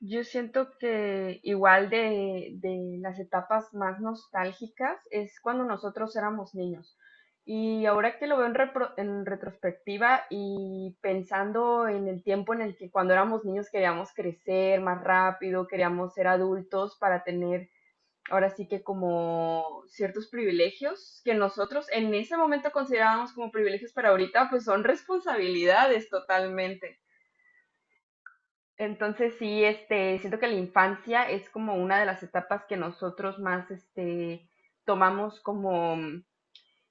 Yo siento que igual de las etapas más nostálgicas es cuando nosotros éramos niños. Y ahora que lo veo en retrospectiva y pensando en el tiempo en el que cuando éramos niños queríamos crecer más rápido, queríamos ser adultos para tener ahora sí que como ciertos privilegios que nosotros en ese momento considerábamos como privilegios para ahorita, pues son responsabilidades totalmente. Entonces sí, siento que la infancia es como una de las etapas que nosotros más, tomamos como,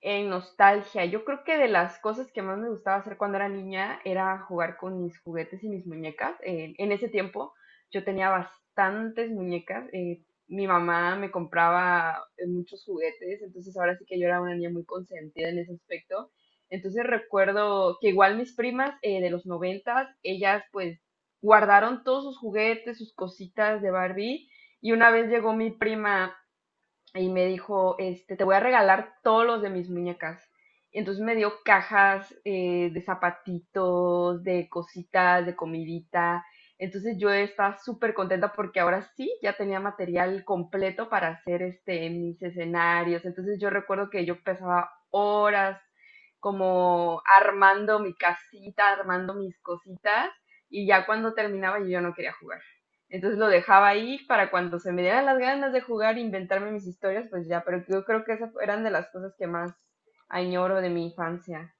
en nostalgia. Yo creo que de las cosas que más me gustaba hacer cuando era niña era jugar con mis juguetes y mis muñecas. En ese tiempo yo tenía bastantes muñecas. Mi mamá me compraba muchos juguetes, entonces ahora sí que yo era una niña muy consentida en ese aspecto. Entonces recuerdo que igual mis primas de los noventas, ellas pues guardaron todos sus juguetes, sus cositas de Barbie. Y una vez llegó mi prima y me dijo, te voy a regalar todos los de mis muñecas. Y entonces me dio cajas de zapatitos, de cositas, de comidita. Entonces yo estaba súper contenta porque ahora sí ya tenía material completo para hacer mis escenarios. Entonces yo recuerdo que yo pasaba horas como armando mi casita, armando mis cositas. Y ya cuando terminaba yo no quería jugar. Entonces lo dejaba ahí para cuando se me dieran las ganas de jugar, inventarme mis historias, pues ya, pero yo creo que esas eran de las cosas que más añoro de mi infancia.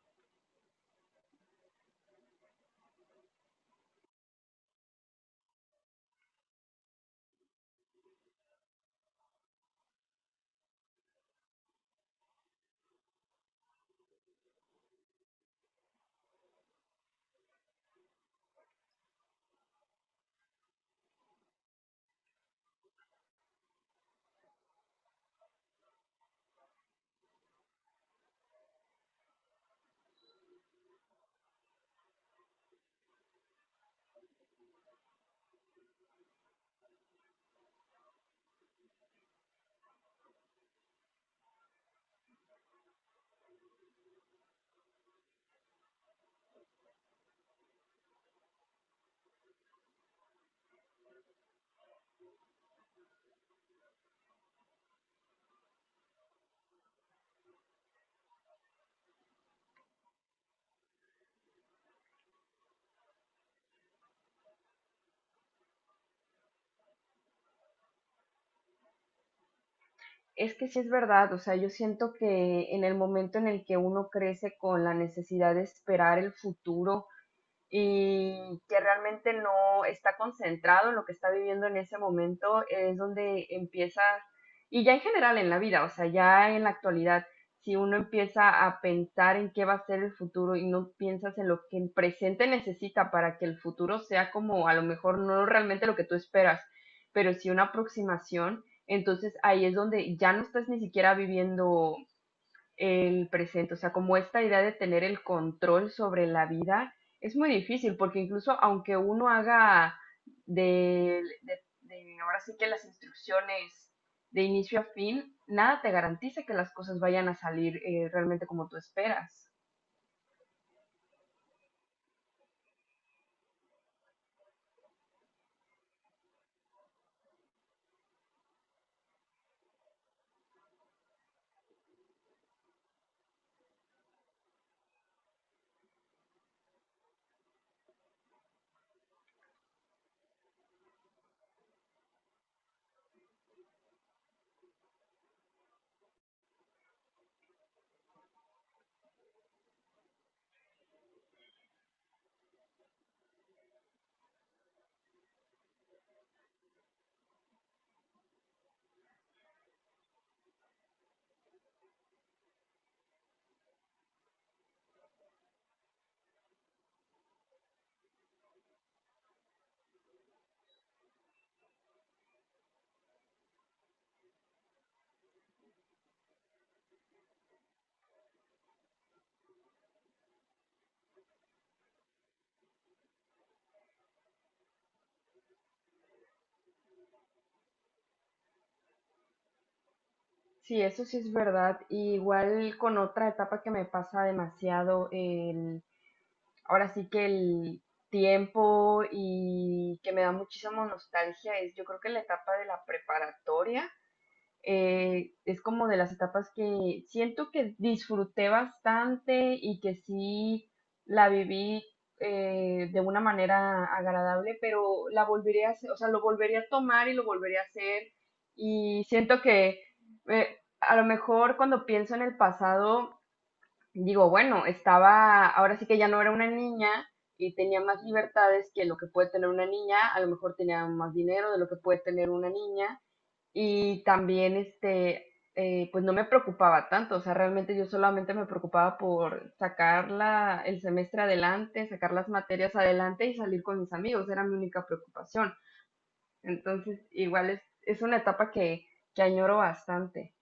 Es que sí es verdad, o sea, yo siento que en el momento en el que uno crece con la necesidad de esperar el futuro, y que realmente no está concentrado en lo que está viviendo en ese momento, es donde empieza, y ya en general en la vida, o sea, ya en la actualidad, si uno empieza a pensar en qué va a ser el futuro y no piensas en lo que el presente necesita para que el futuro sea como a lo mejor no realmente lo que tú esperas, pero sí una aproximación, entonces ahí es donde ya no estás ni siquiera viviendo el presente, o sea, como esta idea de tener el control sobre la vida es muy difícil, porque incluso aunque uno haga ahora sí que las instrucciones de inicio a fin, nada te garantiza que las cosas vayan a salir realmente como tú esperas. Sí, eso sí es verdad. Y igual con otra etapa que me pasa demasiado, el, ahora sí que el tiempo y que me da muchísima nostalgia es yo creo que la etapa de la preparatoria es como de las etapas que siento que disfruté bastante y que sí la viví de una manera agradable, pero la volvería a hacer, o sea, lo volvería a tomar y lo volvería a hacer. Y siento que a lo mejor cuando pienso en el pasado, digo, bueno, estaba, ahora sí que ya no era una niña y tenía más libertades que lo que puede tener una niña, a lo mejor tenía más dinero de lo que puede tener una niña y también, pues no me preocupaba tanto, o sea, realmente yo solamente me preocupaba por sacar el semestre adelante, sacar las materias adelante y salir con mis amigos, era mi única preocupación. Entonces, igual es una etapa que añoro bastante.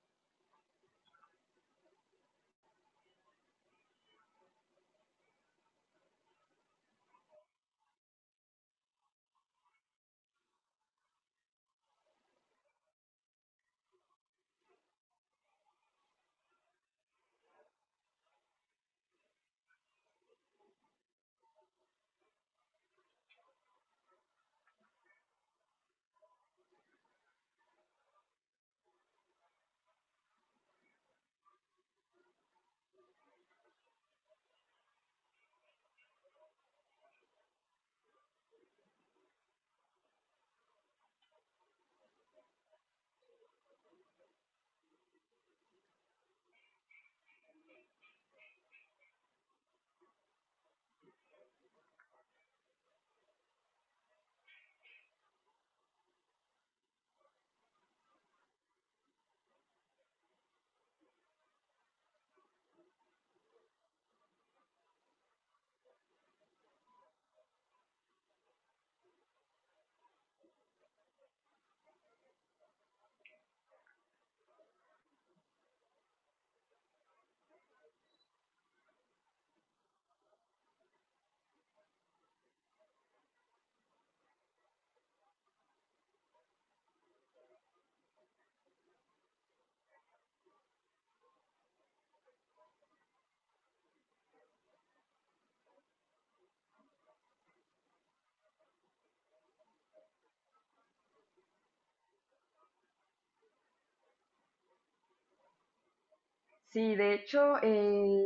Sí, de hecho,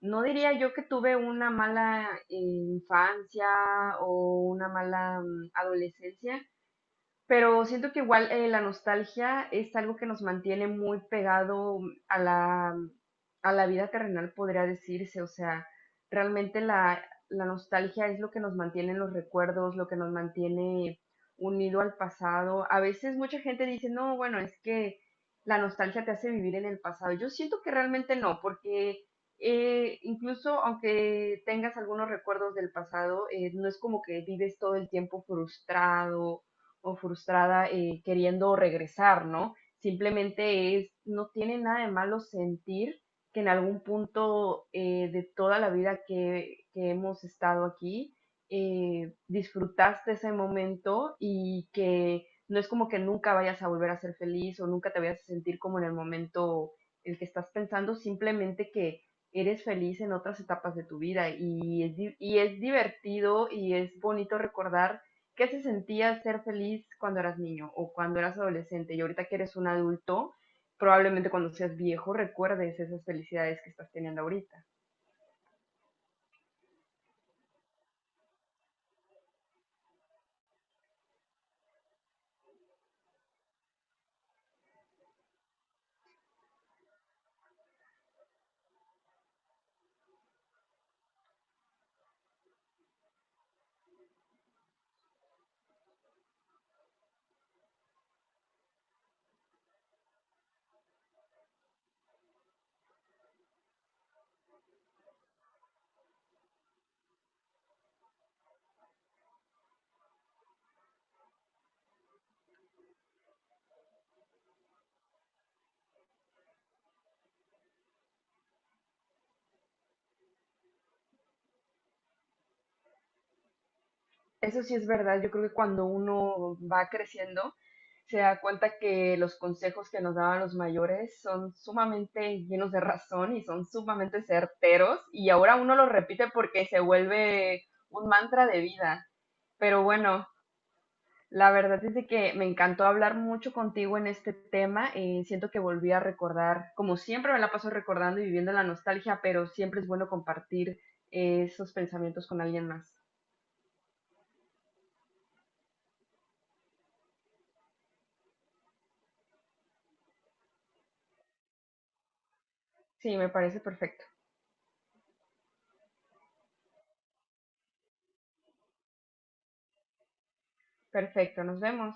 no diría yo que tuve una mala infancia o una mala adolescencia. Pero siento que igual la nostalgia es algo que nos mantiene muy pegado a la, a la vida terrenal, podría decirse. O sea, realmente la nostalgia es lo que nos mantiene en los recuerdos, lo que nos mantiene unido al pasado. A veces mucha gente dice, no, bueno, es que la nostalgia te hace vivir en el pasado. Yo siento que realmente no, porque incluso aunque tengas algunos recuerdos del pasado, no es como que vives todo el tiempo frustrado o frustrada queriendo regresar, ¿no? Simplemente es, no tiene nada de malo sentir que en algún punto de toda la vida que hemos estado aquí, disfrutaste ese momento y que no es como que nunca vayas a volver a ser feliz o nunca te vayas a sentir como en el momento el que estás pensando, simplemente que eres feliz en otras etapas de tu vida y es divertido y es bonito recordar. ¿Qué se sentía ser feliz cuando eras niño o cuando eras adolescente? Y ahorita que eres un adulto, probablemente cuando seas viejo recuerdes esas felicidades que estás teniendo ahorita. Eso sí es verdad, yo creo que cuando uno va creciendo, se da cuenta que los consejos que nos daban los mayores son sumamente llenos de razón y son sumamente certeros y ahora uno los repite porque se vuelve un mantra de vida. Pero bueno, la verdad es de que me encantó hablar mucho contigo en este tema. Siento que volví a recordar, como siempre me la paso recordando y viviendo la nostalgia, pero siempre es bueno compartir esos pensamientos con alguien más. Sí, me parece perfecto. Perfecto, nos vemos.